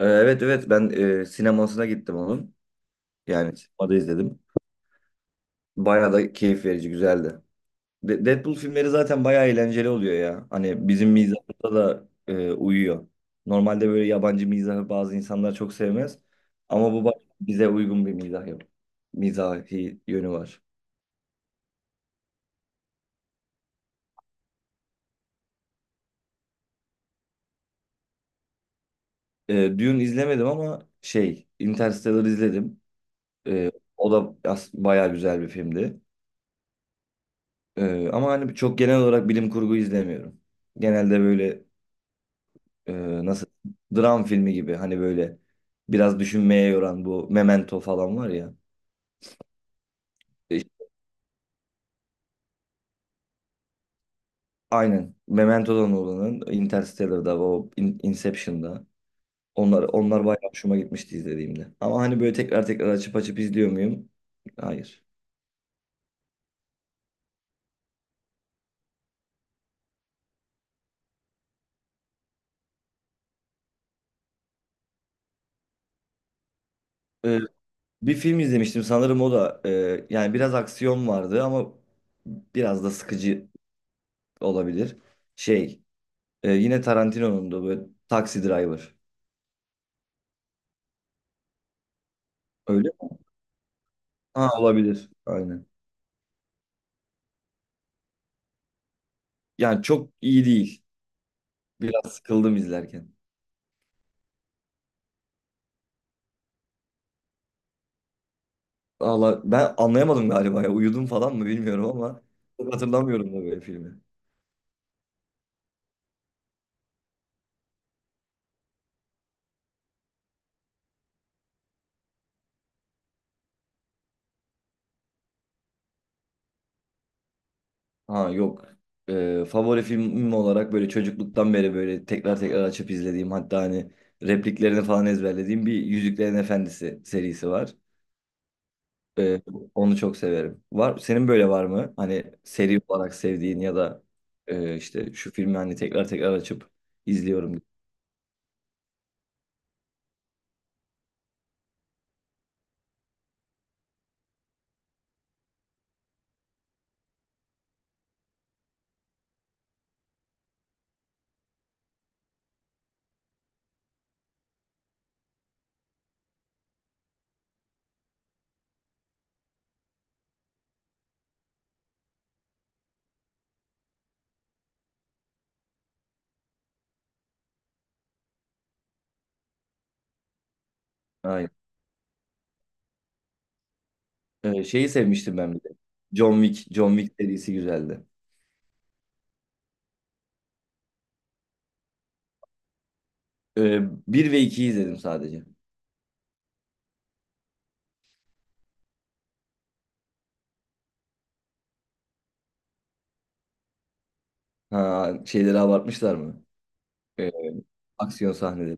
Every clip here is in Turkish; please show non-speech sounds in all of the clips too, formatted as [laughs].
Evet, evet, ben sinemasına gittim onun. Yani sinemada izledim. Bayağı da keyif verici güzeldi. Deadpool filmleri zaten bayağı eğlenceli oluyor ya. Hani bizim mizahımıza da uyuyor. Normalde böyle yabancı mizahı bazı insanlar çok sevmez. Ama bu bize uygun bir mizah yok. Mizahi yönü var. Dune izlemedim ama şey Interstellar izledim. E, O da bayağı güzel bir filmdi. Ama hani çok genel olarak bilim kurgu izlemiyorum. Genelde böyle e, nasıl dram filmi gibi, hani böyle biraz düşünmeye yoran, bu Memento falan var ya. İşte aynen Memento'dan olanın Interstellar'da, o Inception'da, onlar bayağı hoşuma gitmişti izlediğimde. Ama hani böyle tekrar tekrar açıp açıp izliyor muyum? Hayır. E, Bir film izlemiştim sanırım, o da yani biraz aksiyon vardı ama biraz da sıkıcı olabilir. Şey, yine Tarantino'nun da böyle Taxi Driver. Öyle mi? Ha, olabilir. Aynen. Yani çok iyi değil. Biraz sıkıldım izlerken. Valla ben anlayamadım galiba ya. Uyudum falan mı bilmiyorum ama çok hatırlamıyorum da böyle filmi. Ha yok. Favori filmim olarak böyle çocukluktan beri böyle tekrar tekrar açıp izlediğim, hatta hani repliklerini falan ezberlediğim bir Yüzüklerin Efendisi serisi var. Ee, Onu çok severim. Var, senin böyle var mı? Hani seri olarak sevdiğin, ya da işte şu filmi hani tekrar tekrar açıp izliyorum. Aynen. Şeyi sevmiştim ben bir de. John Wick. John Wick serisi güzeldi. Ee, 1 ve 2'yi izledim sadece. Ha, şeyleri abartmışlar mı? Ee, Aksiyon sahneleri.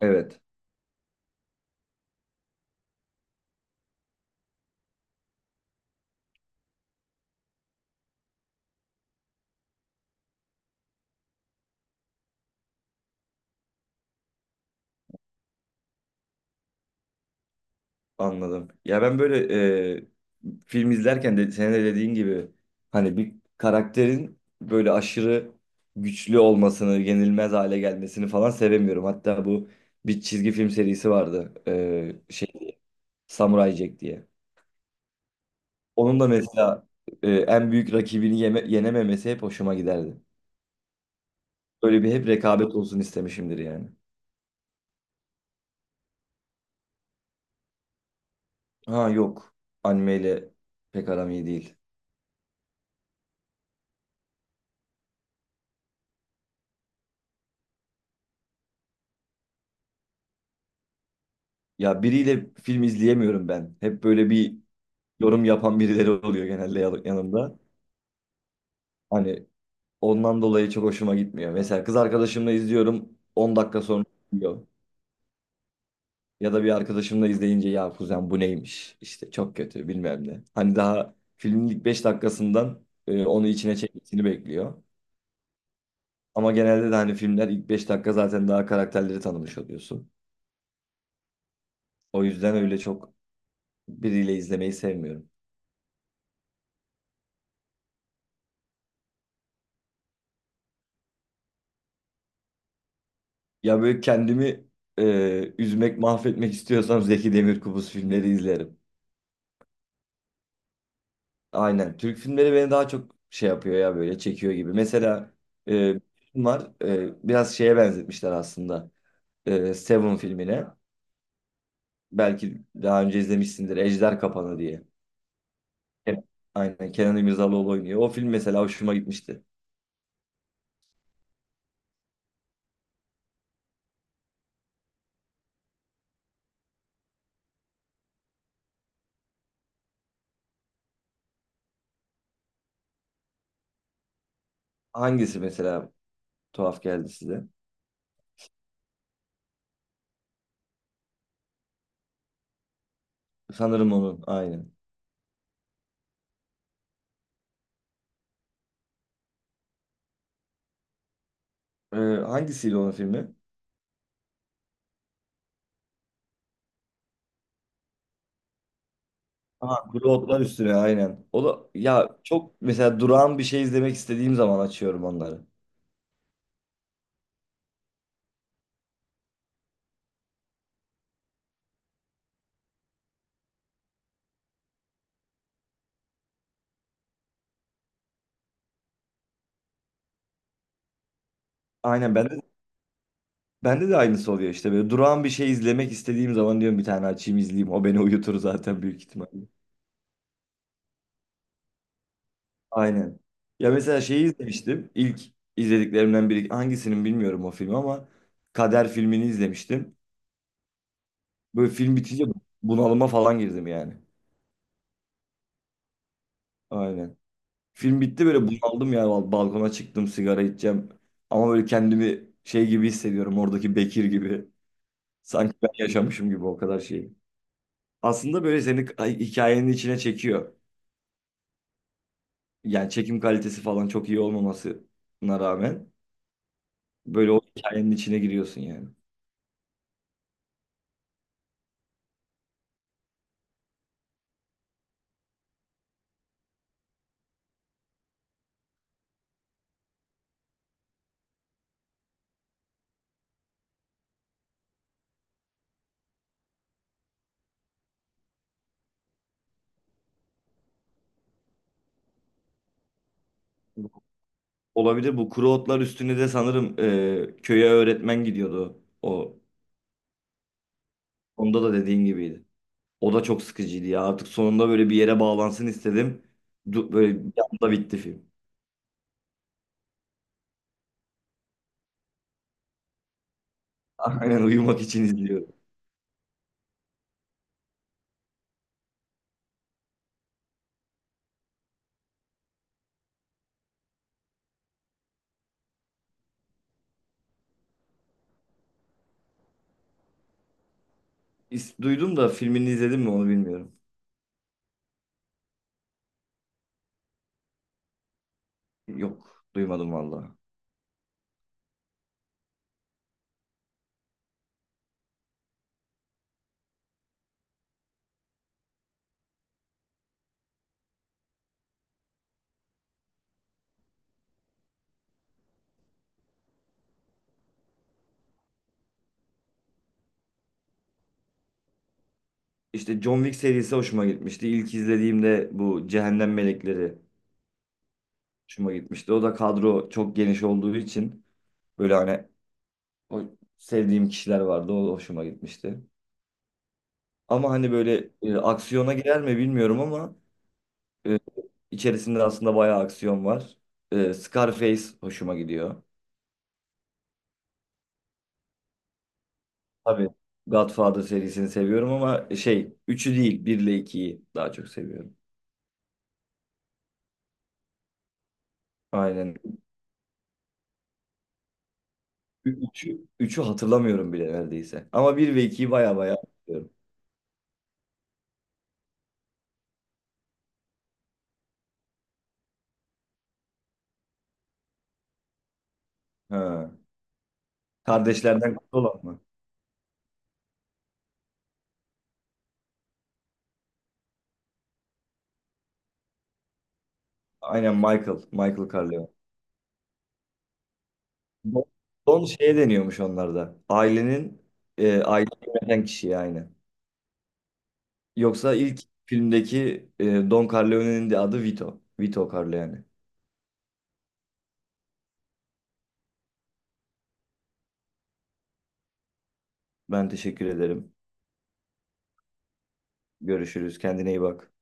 Evet, anladım. Ya ben böyle e, film izlerken de, senin de dediğin gibi, hani bir karakterin böyle aşırı güçlü olmasını, yenilmez hale gelmesini falan sevemiyorum. Hatta bu bir çizgi film serisi vardı. Şey, Samurai Jack diye. Onun da mesela en büyük rakibini yenememesi hep hoşuma giderdi. Böyle bir hep rekabet olsun istemişimdir yani. Ha yok. Animeyle pek aram iyi değil. Ya biriyle film izleyemiyorum ben. Hep böyle bir yorum yapan birileri oluyor genelde yanımda. Hani ondan dolayı çok hoşuma gitmiyor. Mesela kız arkadaşımla izliyorum, 10 dakika sonra diyor. Ya da bir arkadaşımla izleyince, ya kuzen bu neymiş? İşte çok kötü bilmem ne. Hani daha filmin ilk 5 dakikasından onu içine çekmesini bekliyor. Ama genelde de hani filmler ilk 5 dakika zaten daha karakterleri tanımış oluyorsun. O yüzden öyle çok biriyle izlemeyi sevmiyorum. Ya böyle kendimi üzmek, mahvetmek istiyorsam [laughs] Zeki Demirkubuz filmleri izlerim. Aynen. Türk filmleri beni daha çok şey yapıyor ya, böyle çekiyor gibi. Mesela bir film var. Biraz şeye benzetmişler aslında. Seven filmine. Belki daha önce izlemişsindir. Ejder Kapanı diye. Evet. Aynen. Kenan İmirzalıoğlu oynuyor. O film mesela hoşuma gitmişti. Hangisi mesela? Tuhaf geldi size. Sanırım onun aynen. Hangisiyle onun filmi? Aha, Kuru Otlar Üstüne aynen. O da ya, çok mesela durağan bir şey izlemek istediğim zaman açıyorum onları. Aynen, bende de aynısı oluyor, işte böyle durağan bir şey izlemek istediğim zaman diyorum bir tane açayım izleyeyim. O beni uyutur zaten büyük ihtimalle. Aynen. Ya mesela şeyi izlemiştim. İlk izlediklerimden biri hangisinin bilmiyorum o filmi ama Kader filmini izlemiştim. Böyle film bitince bunalıma falan girdim yani. Aynen. Film bitti, böyle bunaldım yani, balkona çıktım sigara içeceğim. Ama böyle kendimi şey gibi hissediyorum, oradaki Bekir gibi. Sanki ben yaşamışım gibi o kadar şeyi. Aslında böyle seni hikayenin içine çekiyor. Yani çekim kalitesi falan çok iyi olmamasına rağmen böyle o hikayenin içine giriyorsun yani. Olabilir, bu Kuru Otlar Üstüne de sanırım, köye öğretmen gidiyordu o. Onda da dediğin gibiydi. O da çok sıkıcıydı ya. Artık sonunda böyle bir yere bağlansın istedim. Böyle bir anda bitti film. Aynen, uyumak için izliyorum. Duydum da filmini izledim mi onu bilmiyorum. Yok, duymadım valla. İşte John Wick serisi hoşuma gitmişti. İlk izlediğimde bu Cehennem Melekleri hoşuma gitmişti. O da kadro çok geniş olduğu için böyle hani o sevdiğim kişiler vardı. O da hoşuma gitmişti. Ama hani böyle aksiyona girer mi bilmiyorum ama e, içerisinde aslında bayağı aksiyon var. Scarface hoşuma gidiyor. Tabii Godfather serisini seviyorum ama şey, üçü değil, 1 ile 2'yi daha çok seviyorum. Aynen. Üçü hatırlamıyorum bile neredeyse. Ama bir ve ikiyi baya baya hatırlıyorum. Ha. Kardeşlerden kutlu olan mı? Aynen, Michael. Michael Corleone. Don Don şeye deniyormuş onlarda. Ailenin, aile yöneten kişiye, aynı. Yoksa ilk filmdeki Don Corleone'nin de adı Vito. Vito Corleone. Ben teşekkür ederim. Görüşürüz. Kendine iyi bak.